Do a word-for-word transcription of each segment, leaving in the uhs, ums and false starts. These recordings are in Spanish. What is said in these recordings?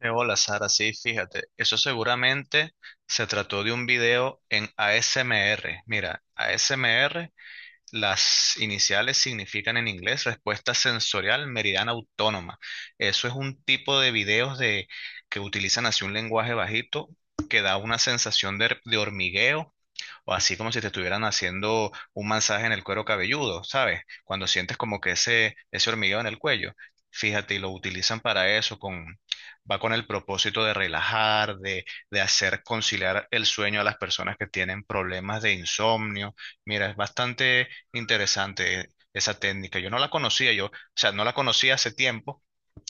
De bola, Sara, sí, fíjate, eso seguramente se trató de un video en A S M R. Mira, A S M R, las iniciales significan en inglés respuesta sensorial meridiana autónoma. Eso es un tipo de videos de, que utilizan así un lenguaje bajito que da una sensación de, de hormigueo, o así como si te estuvieran haciendo un masaje en el cuero cabelludo, ¿sabes? Cuando sientes como que ese, ese hormigueo en el cuello. Fíjate, y lo utilizan para eso, con, va con el propósito de relajar, de, de hacer conciliar el sueño a las personas que tienen problemas de insomnio. Mira, es bastante interesante esa técnica. Yo no la conocía, yo, o sea, no la conocía hace tiempo,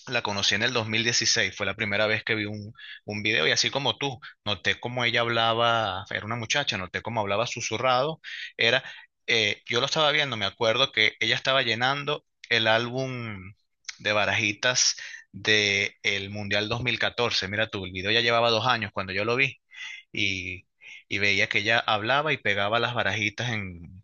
la conocí en el dos mil dieciséis, fue la primera vez que vi un, un video, y así como tú, noté cómo ella hablaba, era una muchacha, noté cómo hablaba susurrado, era, eh, yo lo estaba viendo, me acuerdo que ella estaba llenando el álbum de barajitas del Mundial dos mil catorce, mira tú, el video ya llevaba dos años cuando yo lo vi, y, y veía que ella hablaba y pegaba las barajitas en,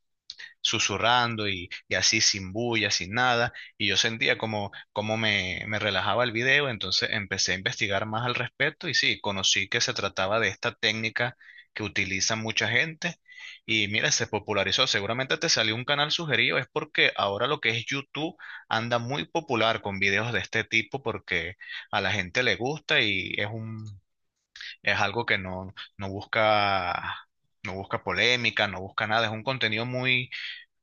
susurrando, y, y así sin bulla, sin nada, y yo sentía como, como me, me relajaba el video. Entonces empecé a investigar más al respecto y sí, conocí que se trataba de esta técnica que utiliza mucha gente. Y mira, se popularizó, seguramente te salió un canal sugerido, es porque ahora lo que es YouTube anda muy popular con videos de este tipo, porque a la gente le gusta y es un, es algo que no, no busca. No busca polémica, no busca nada, es un contenido muy,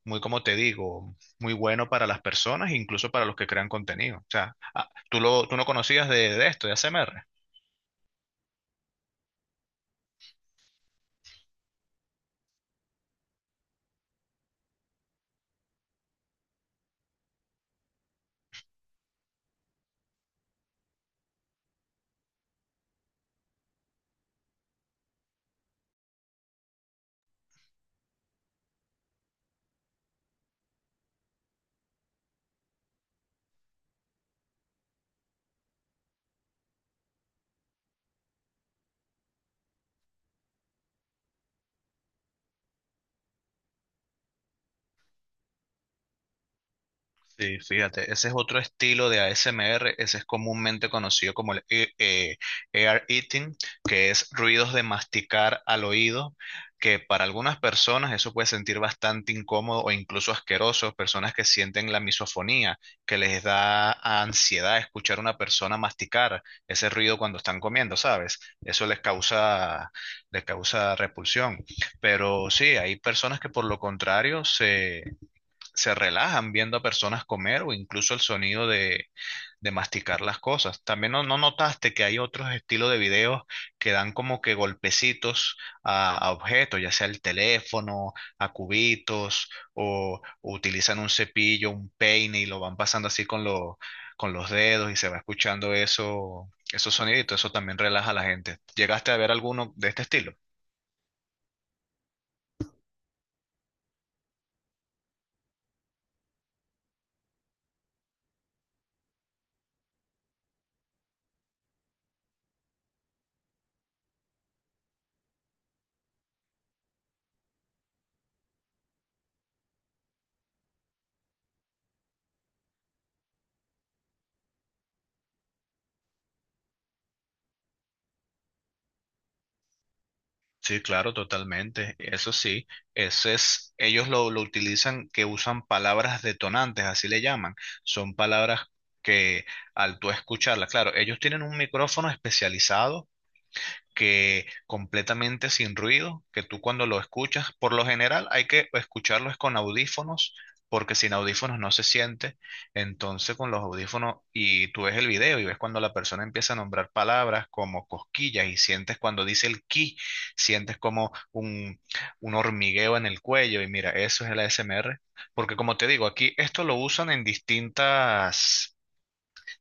muy, como te digo, muy bueno para las personas, incluso para los que crean contenido. O sea, ah, tú, lo, tú no conocías de, de esto, de A S M R. Sí, fíjate, ese es otro estilo de A S M R, ese es comúnmente conocido como el e- eh, ear eating, que es ruidos de masticar al oído, que para algunas personas eso puede sentir bastante incómodo o incluso asqueroso, personas que sienten la misofonía, que les da ansiedad escuchar a una persona masticar ese ruido cuando están comiendo, ¿sabes? Eso les causa, les causa repulsión. Pero sí, hay personas que por lo contrario se relajan viendo a personas comer o incluso el sonido de, de masticar las cosas. También no, no notaste que hay otros estilos de videos que dan como que golpecitos a, a objetos, ya sea el teléfono, a cubitos, o, o utilizan un cepillo, un peine y lo van pasando así con, lo- con los dedos, y se va escuchando eso, esos soniditos. Eso también relaja a la gente. ¿Llegaste a ver alguno de este estilo? Sí, claro, totalmente. Eso sí, ese es, ellos lo, lo utilizan, que usan palabras detonantes, así le llaman. Son palabras que al tú escucharlas, claro, ellos tienen un micrófono especializado que completamente sin ruido, que tú cuando lo escuchas, por lo general hay que escucharlos con audífonos, porque sin audífonos no se siente. Entonces con los audífonos y tú ves el video y ves cuando la persona empieza a nombrar palabras como cosquillas y sientes cuando dice el ki, sientes como un, un hormigueo en el cuello, y mira, eso es el A S M R, porque como te digo, aquí esto lo usan en distintas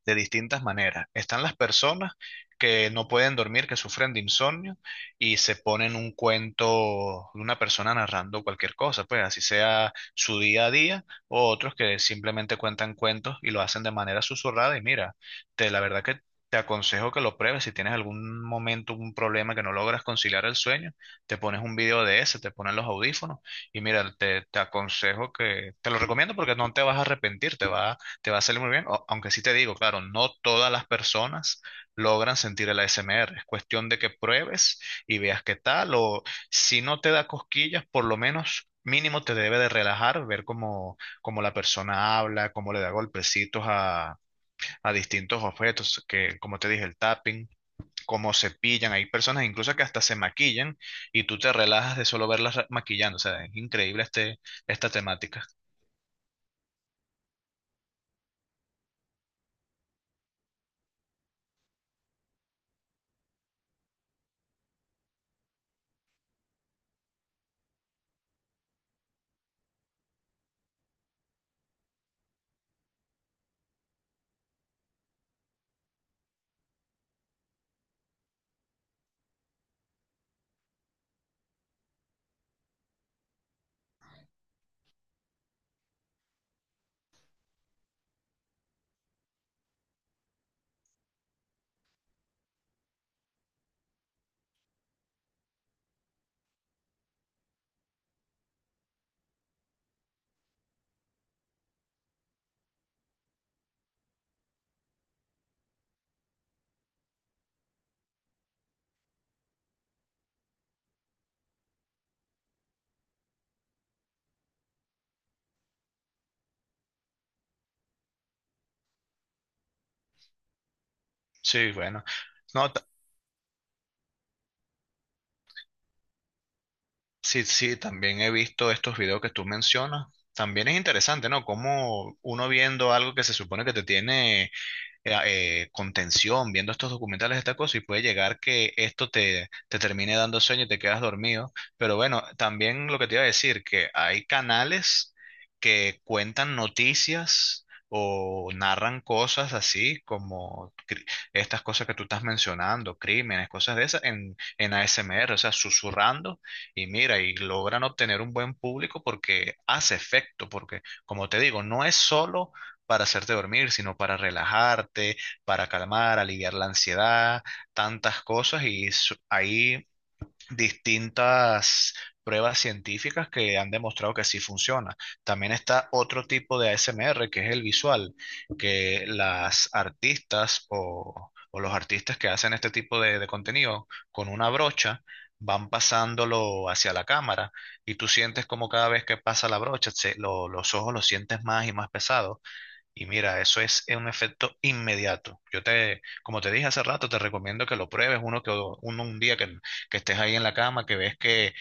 de distintas maneras. Están las personas que no pueden dormir, que sufren de insomnio y se ponen un cuento de una persona narrando cualquier cosa, pues así sea su día a día, o otros que simplemente cuentan cuentos y lo hacen de manera susurrada. Y mira, te, la verdad que. Te aconsejo que lo pruebes si tienes algún momento, un problema que no logras conciliar el sueño, te pones un video de ese, te pones los audífonos, y mira, te, te aconsejo que, te lo recomiendo, porque no te vas a arrepentir, te va te va a salir muy bien, o- aunque sí te digo, claro, no todas las personas logran sentir el A S M R. Es cuestión de que pruebes y veas qué tal, o si no te da cosquillas, por lo menos mínimo te debe de relajar, ver cómo, cómo la persona habla, cómo le da golpecitos a, a distintos objetos, que como te dije, el tapping. Cómo se pillan, hay personas incluso que hasta se maquillan y tú te relajas de solo verlas ra- maquillando, o sea, es increíble este, esta temática. Sí, bueno. No, sí, sí, también he visto estos videos que tú mencionas. También es interesante, ¿no? Como uno viendo algo que se supone que te tiene eh, eh, contención viendo estos documentales, esta cosa, y puede llegar que esto te, te termine dando sueño y te quedas dormido. Pero bueno, también lo que te iba a decir, que hay canales que cuentan noticias o narran cosas así como cri- estas cosas que tú estás mencionando, crímenes, cosas de esas, en, en A S M R, o sea, susurrando, y mira, y logran obtener un buen público porque hace efecto, porque como te digo, no es solo para hacerte dormir, sino para relajarte, para calmar, aliviar la ansiedad, tantas cosas. Y su- hay distintas pruebas científicas que han demostrado que sí funciona. También está otro tipo de A S M R que es el visual, que las artistas o, o los artistas que hacen este tipo de, de contenido con una brocha van pasándolo hacia la cámara, y tú sientes como cada vez que pasa la brocha, se- lo- los ojos los sientes más y más pesados, y mira, eso es un efecto inmediato. Yo te, como te dije hace rato, te recomiendo que lo pruebes uno que do- uno un día que, que estés ahí en la cama, que ves que,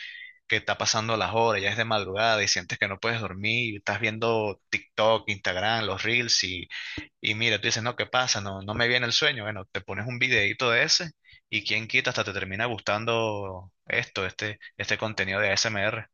que está pasando las horas, ya es de madrugada y sientes que no puedes dormir, y estás viendo TikTok, Instagram, los Reels, y, y mira, tú dices, no, ¿qué pasa? No, no me viene el sueño. Bueno, te pones un videíto de ese y quién quita hasta te termina gustando esto, este, este contenido de A S M R.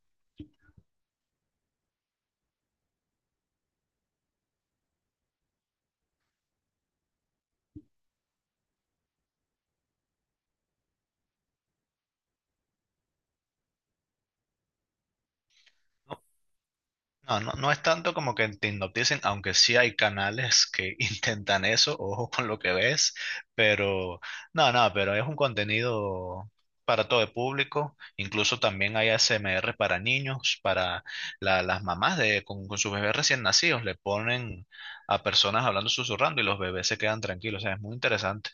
No, no, no es tanto como que te hipnoticen, aunque sí hay canales que intentan eso, ojo con lo que ves, pero no, no, pero es un contenido para todo el público, incluso también hay A S M R para niños, para la- las mamás de, con, con sus bebés recién nacidos, le ponen a personas hablando susurrando y los bebés se quedan tranquilos, o sea, es muy interesante.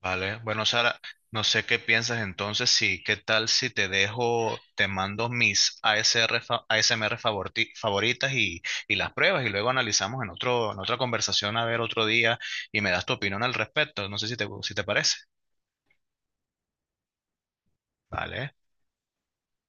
Vale, bueno, Sara, no sé qué piensas entonces, sí, ¿qué tal si te dejo, te mando mis A S R, fa- A S M R favorti- favoritas y, y las pruebas y luego analizamos en otro, en otra conversación a ver otro día, y me das tu opinión al respecto? No sé si te, si te parece. Vale.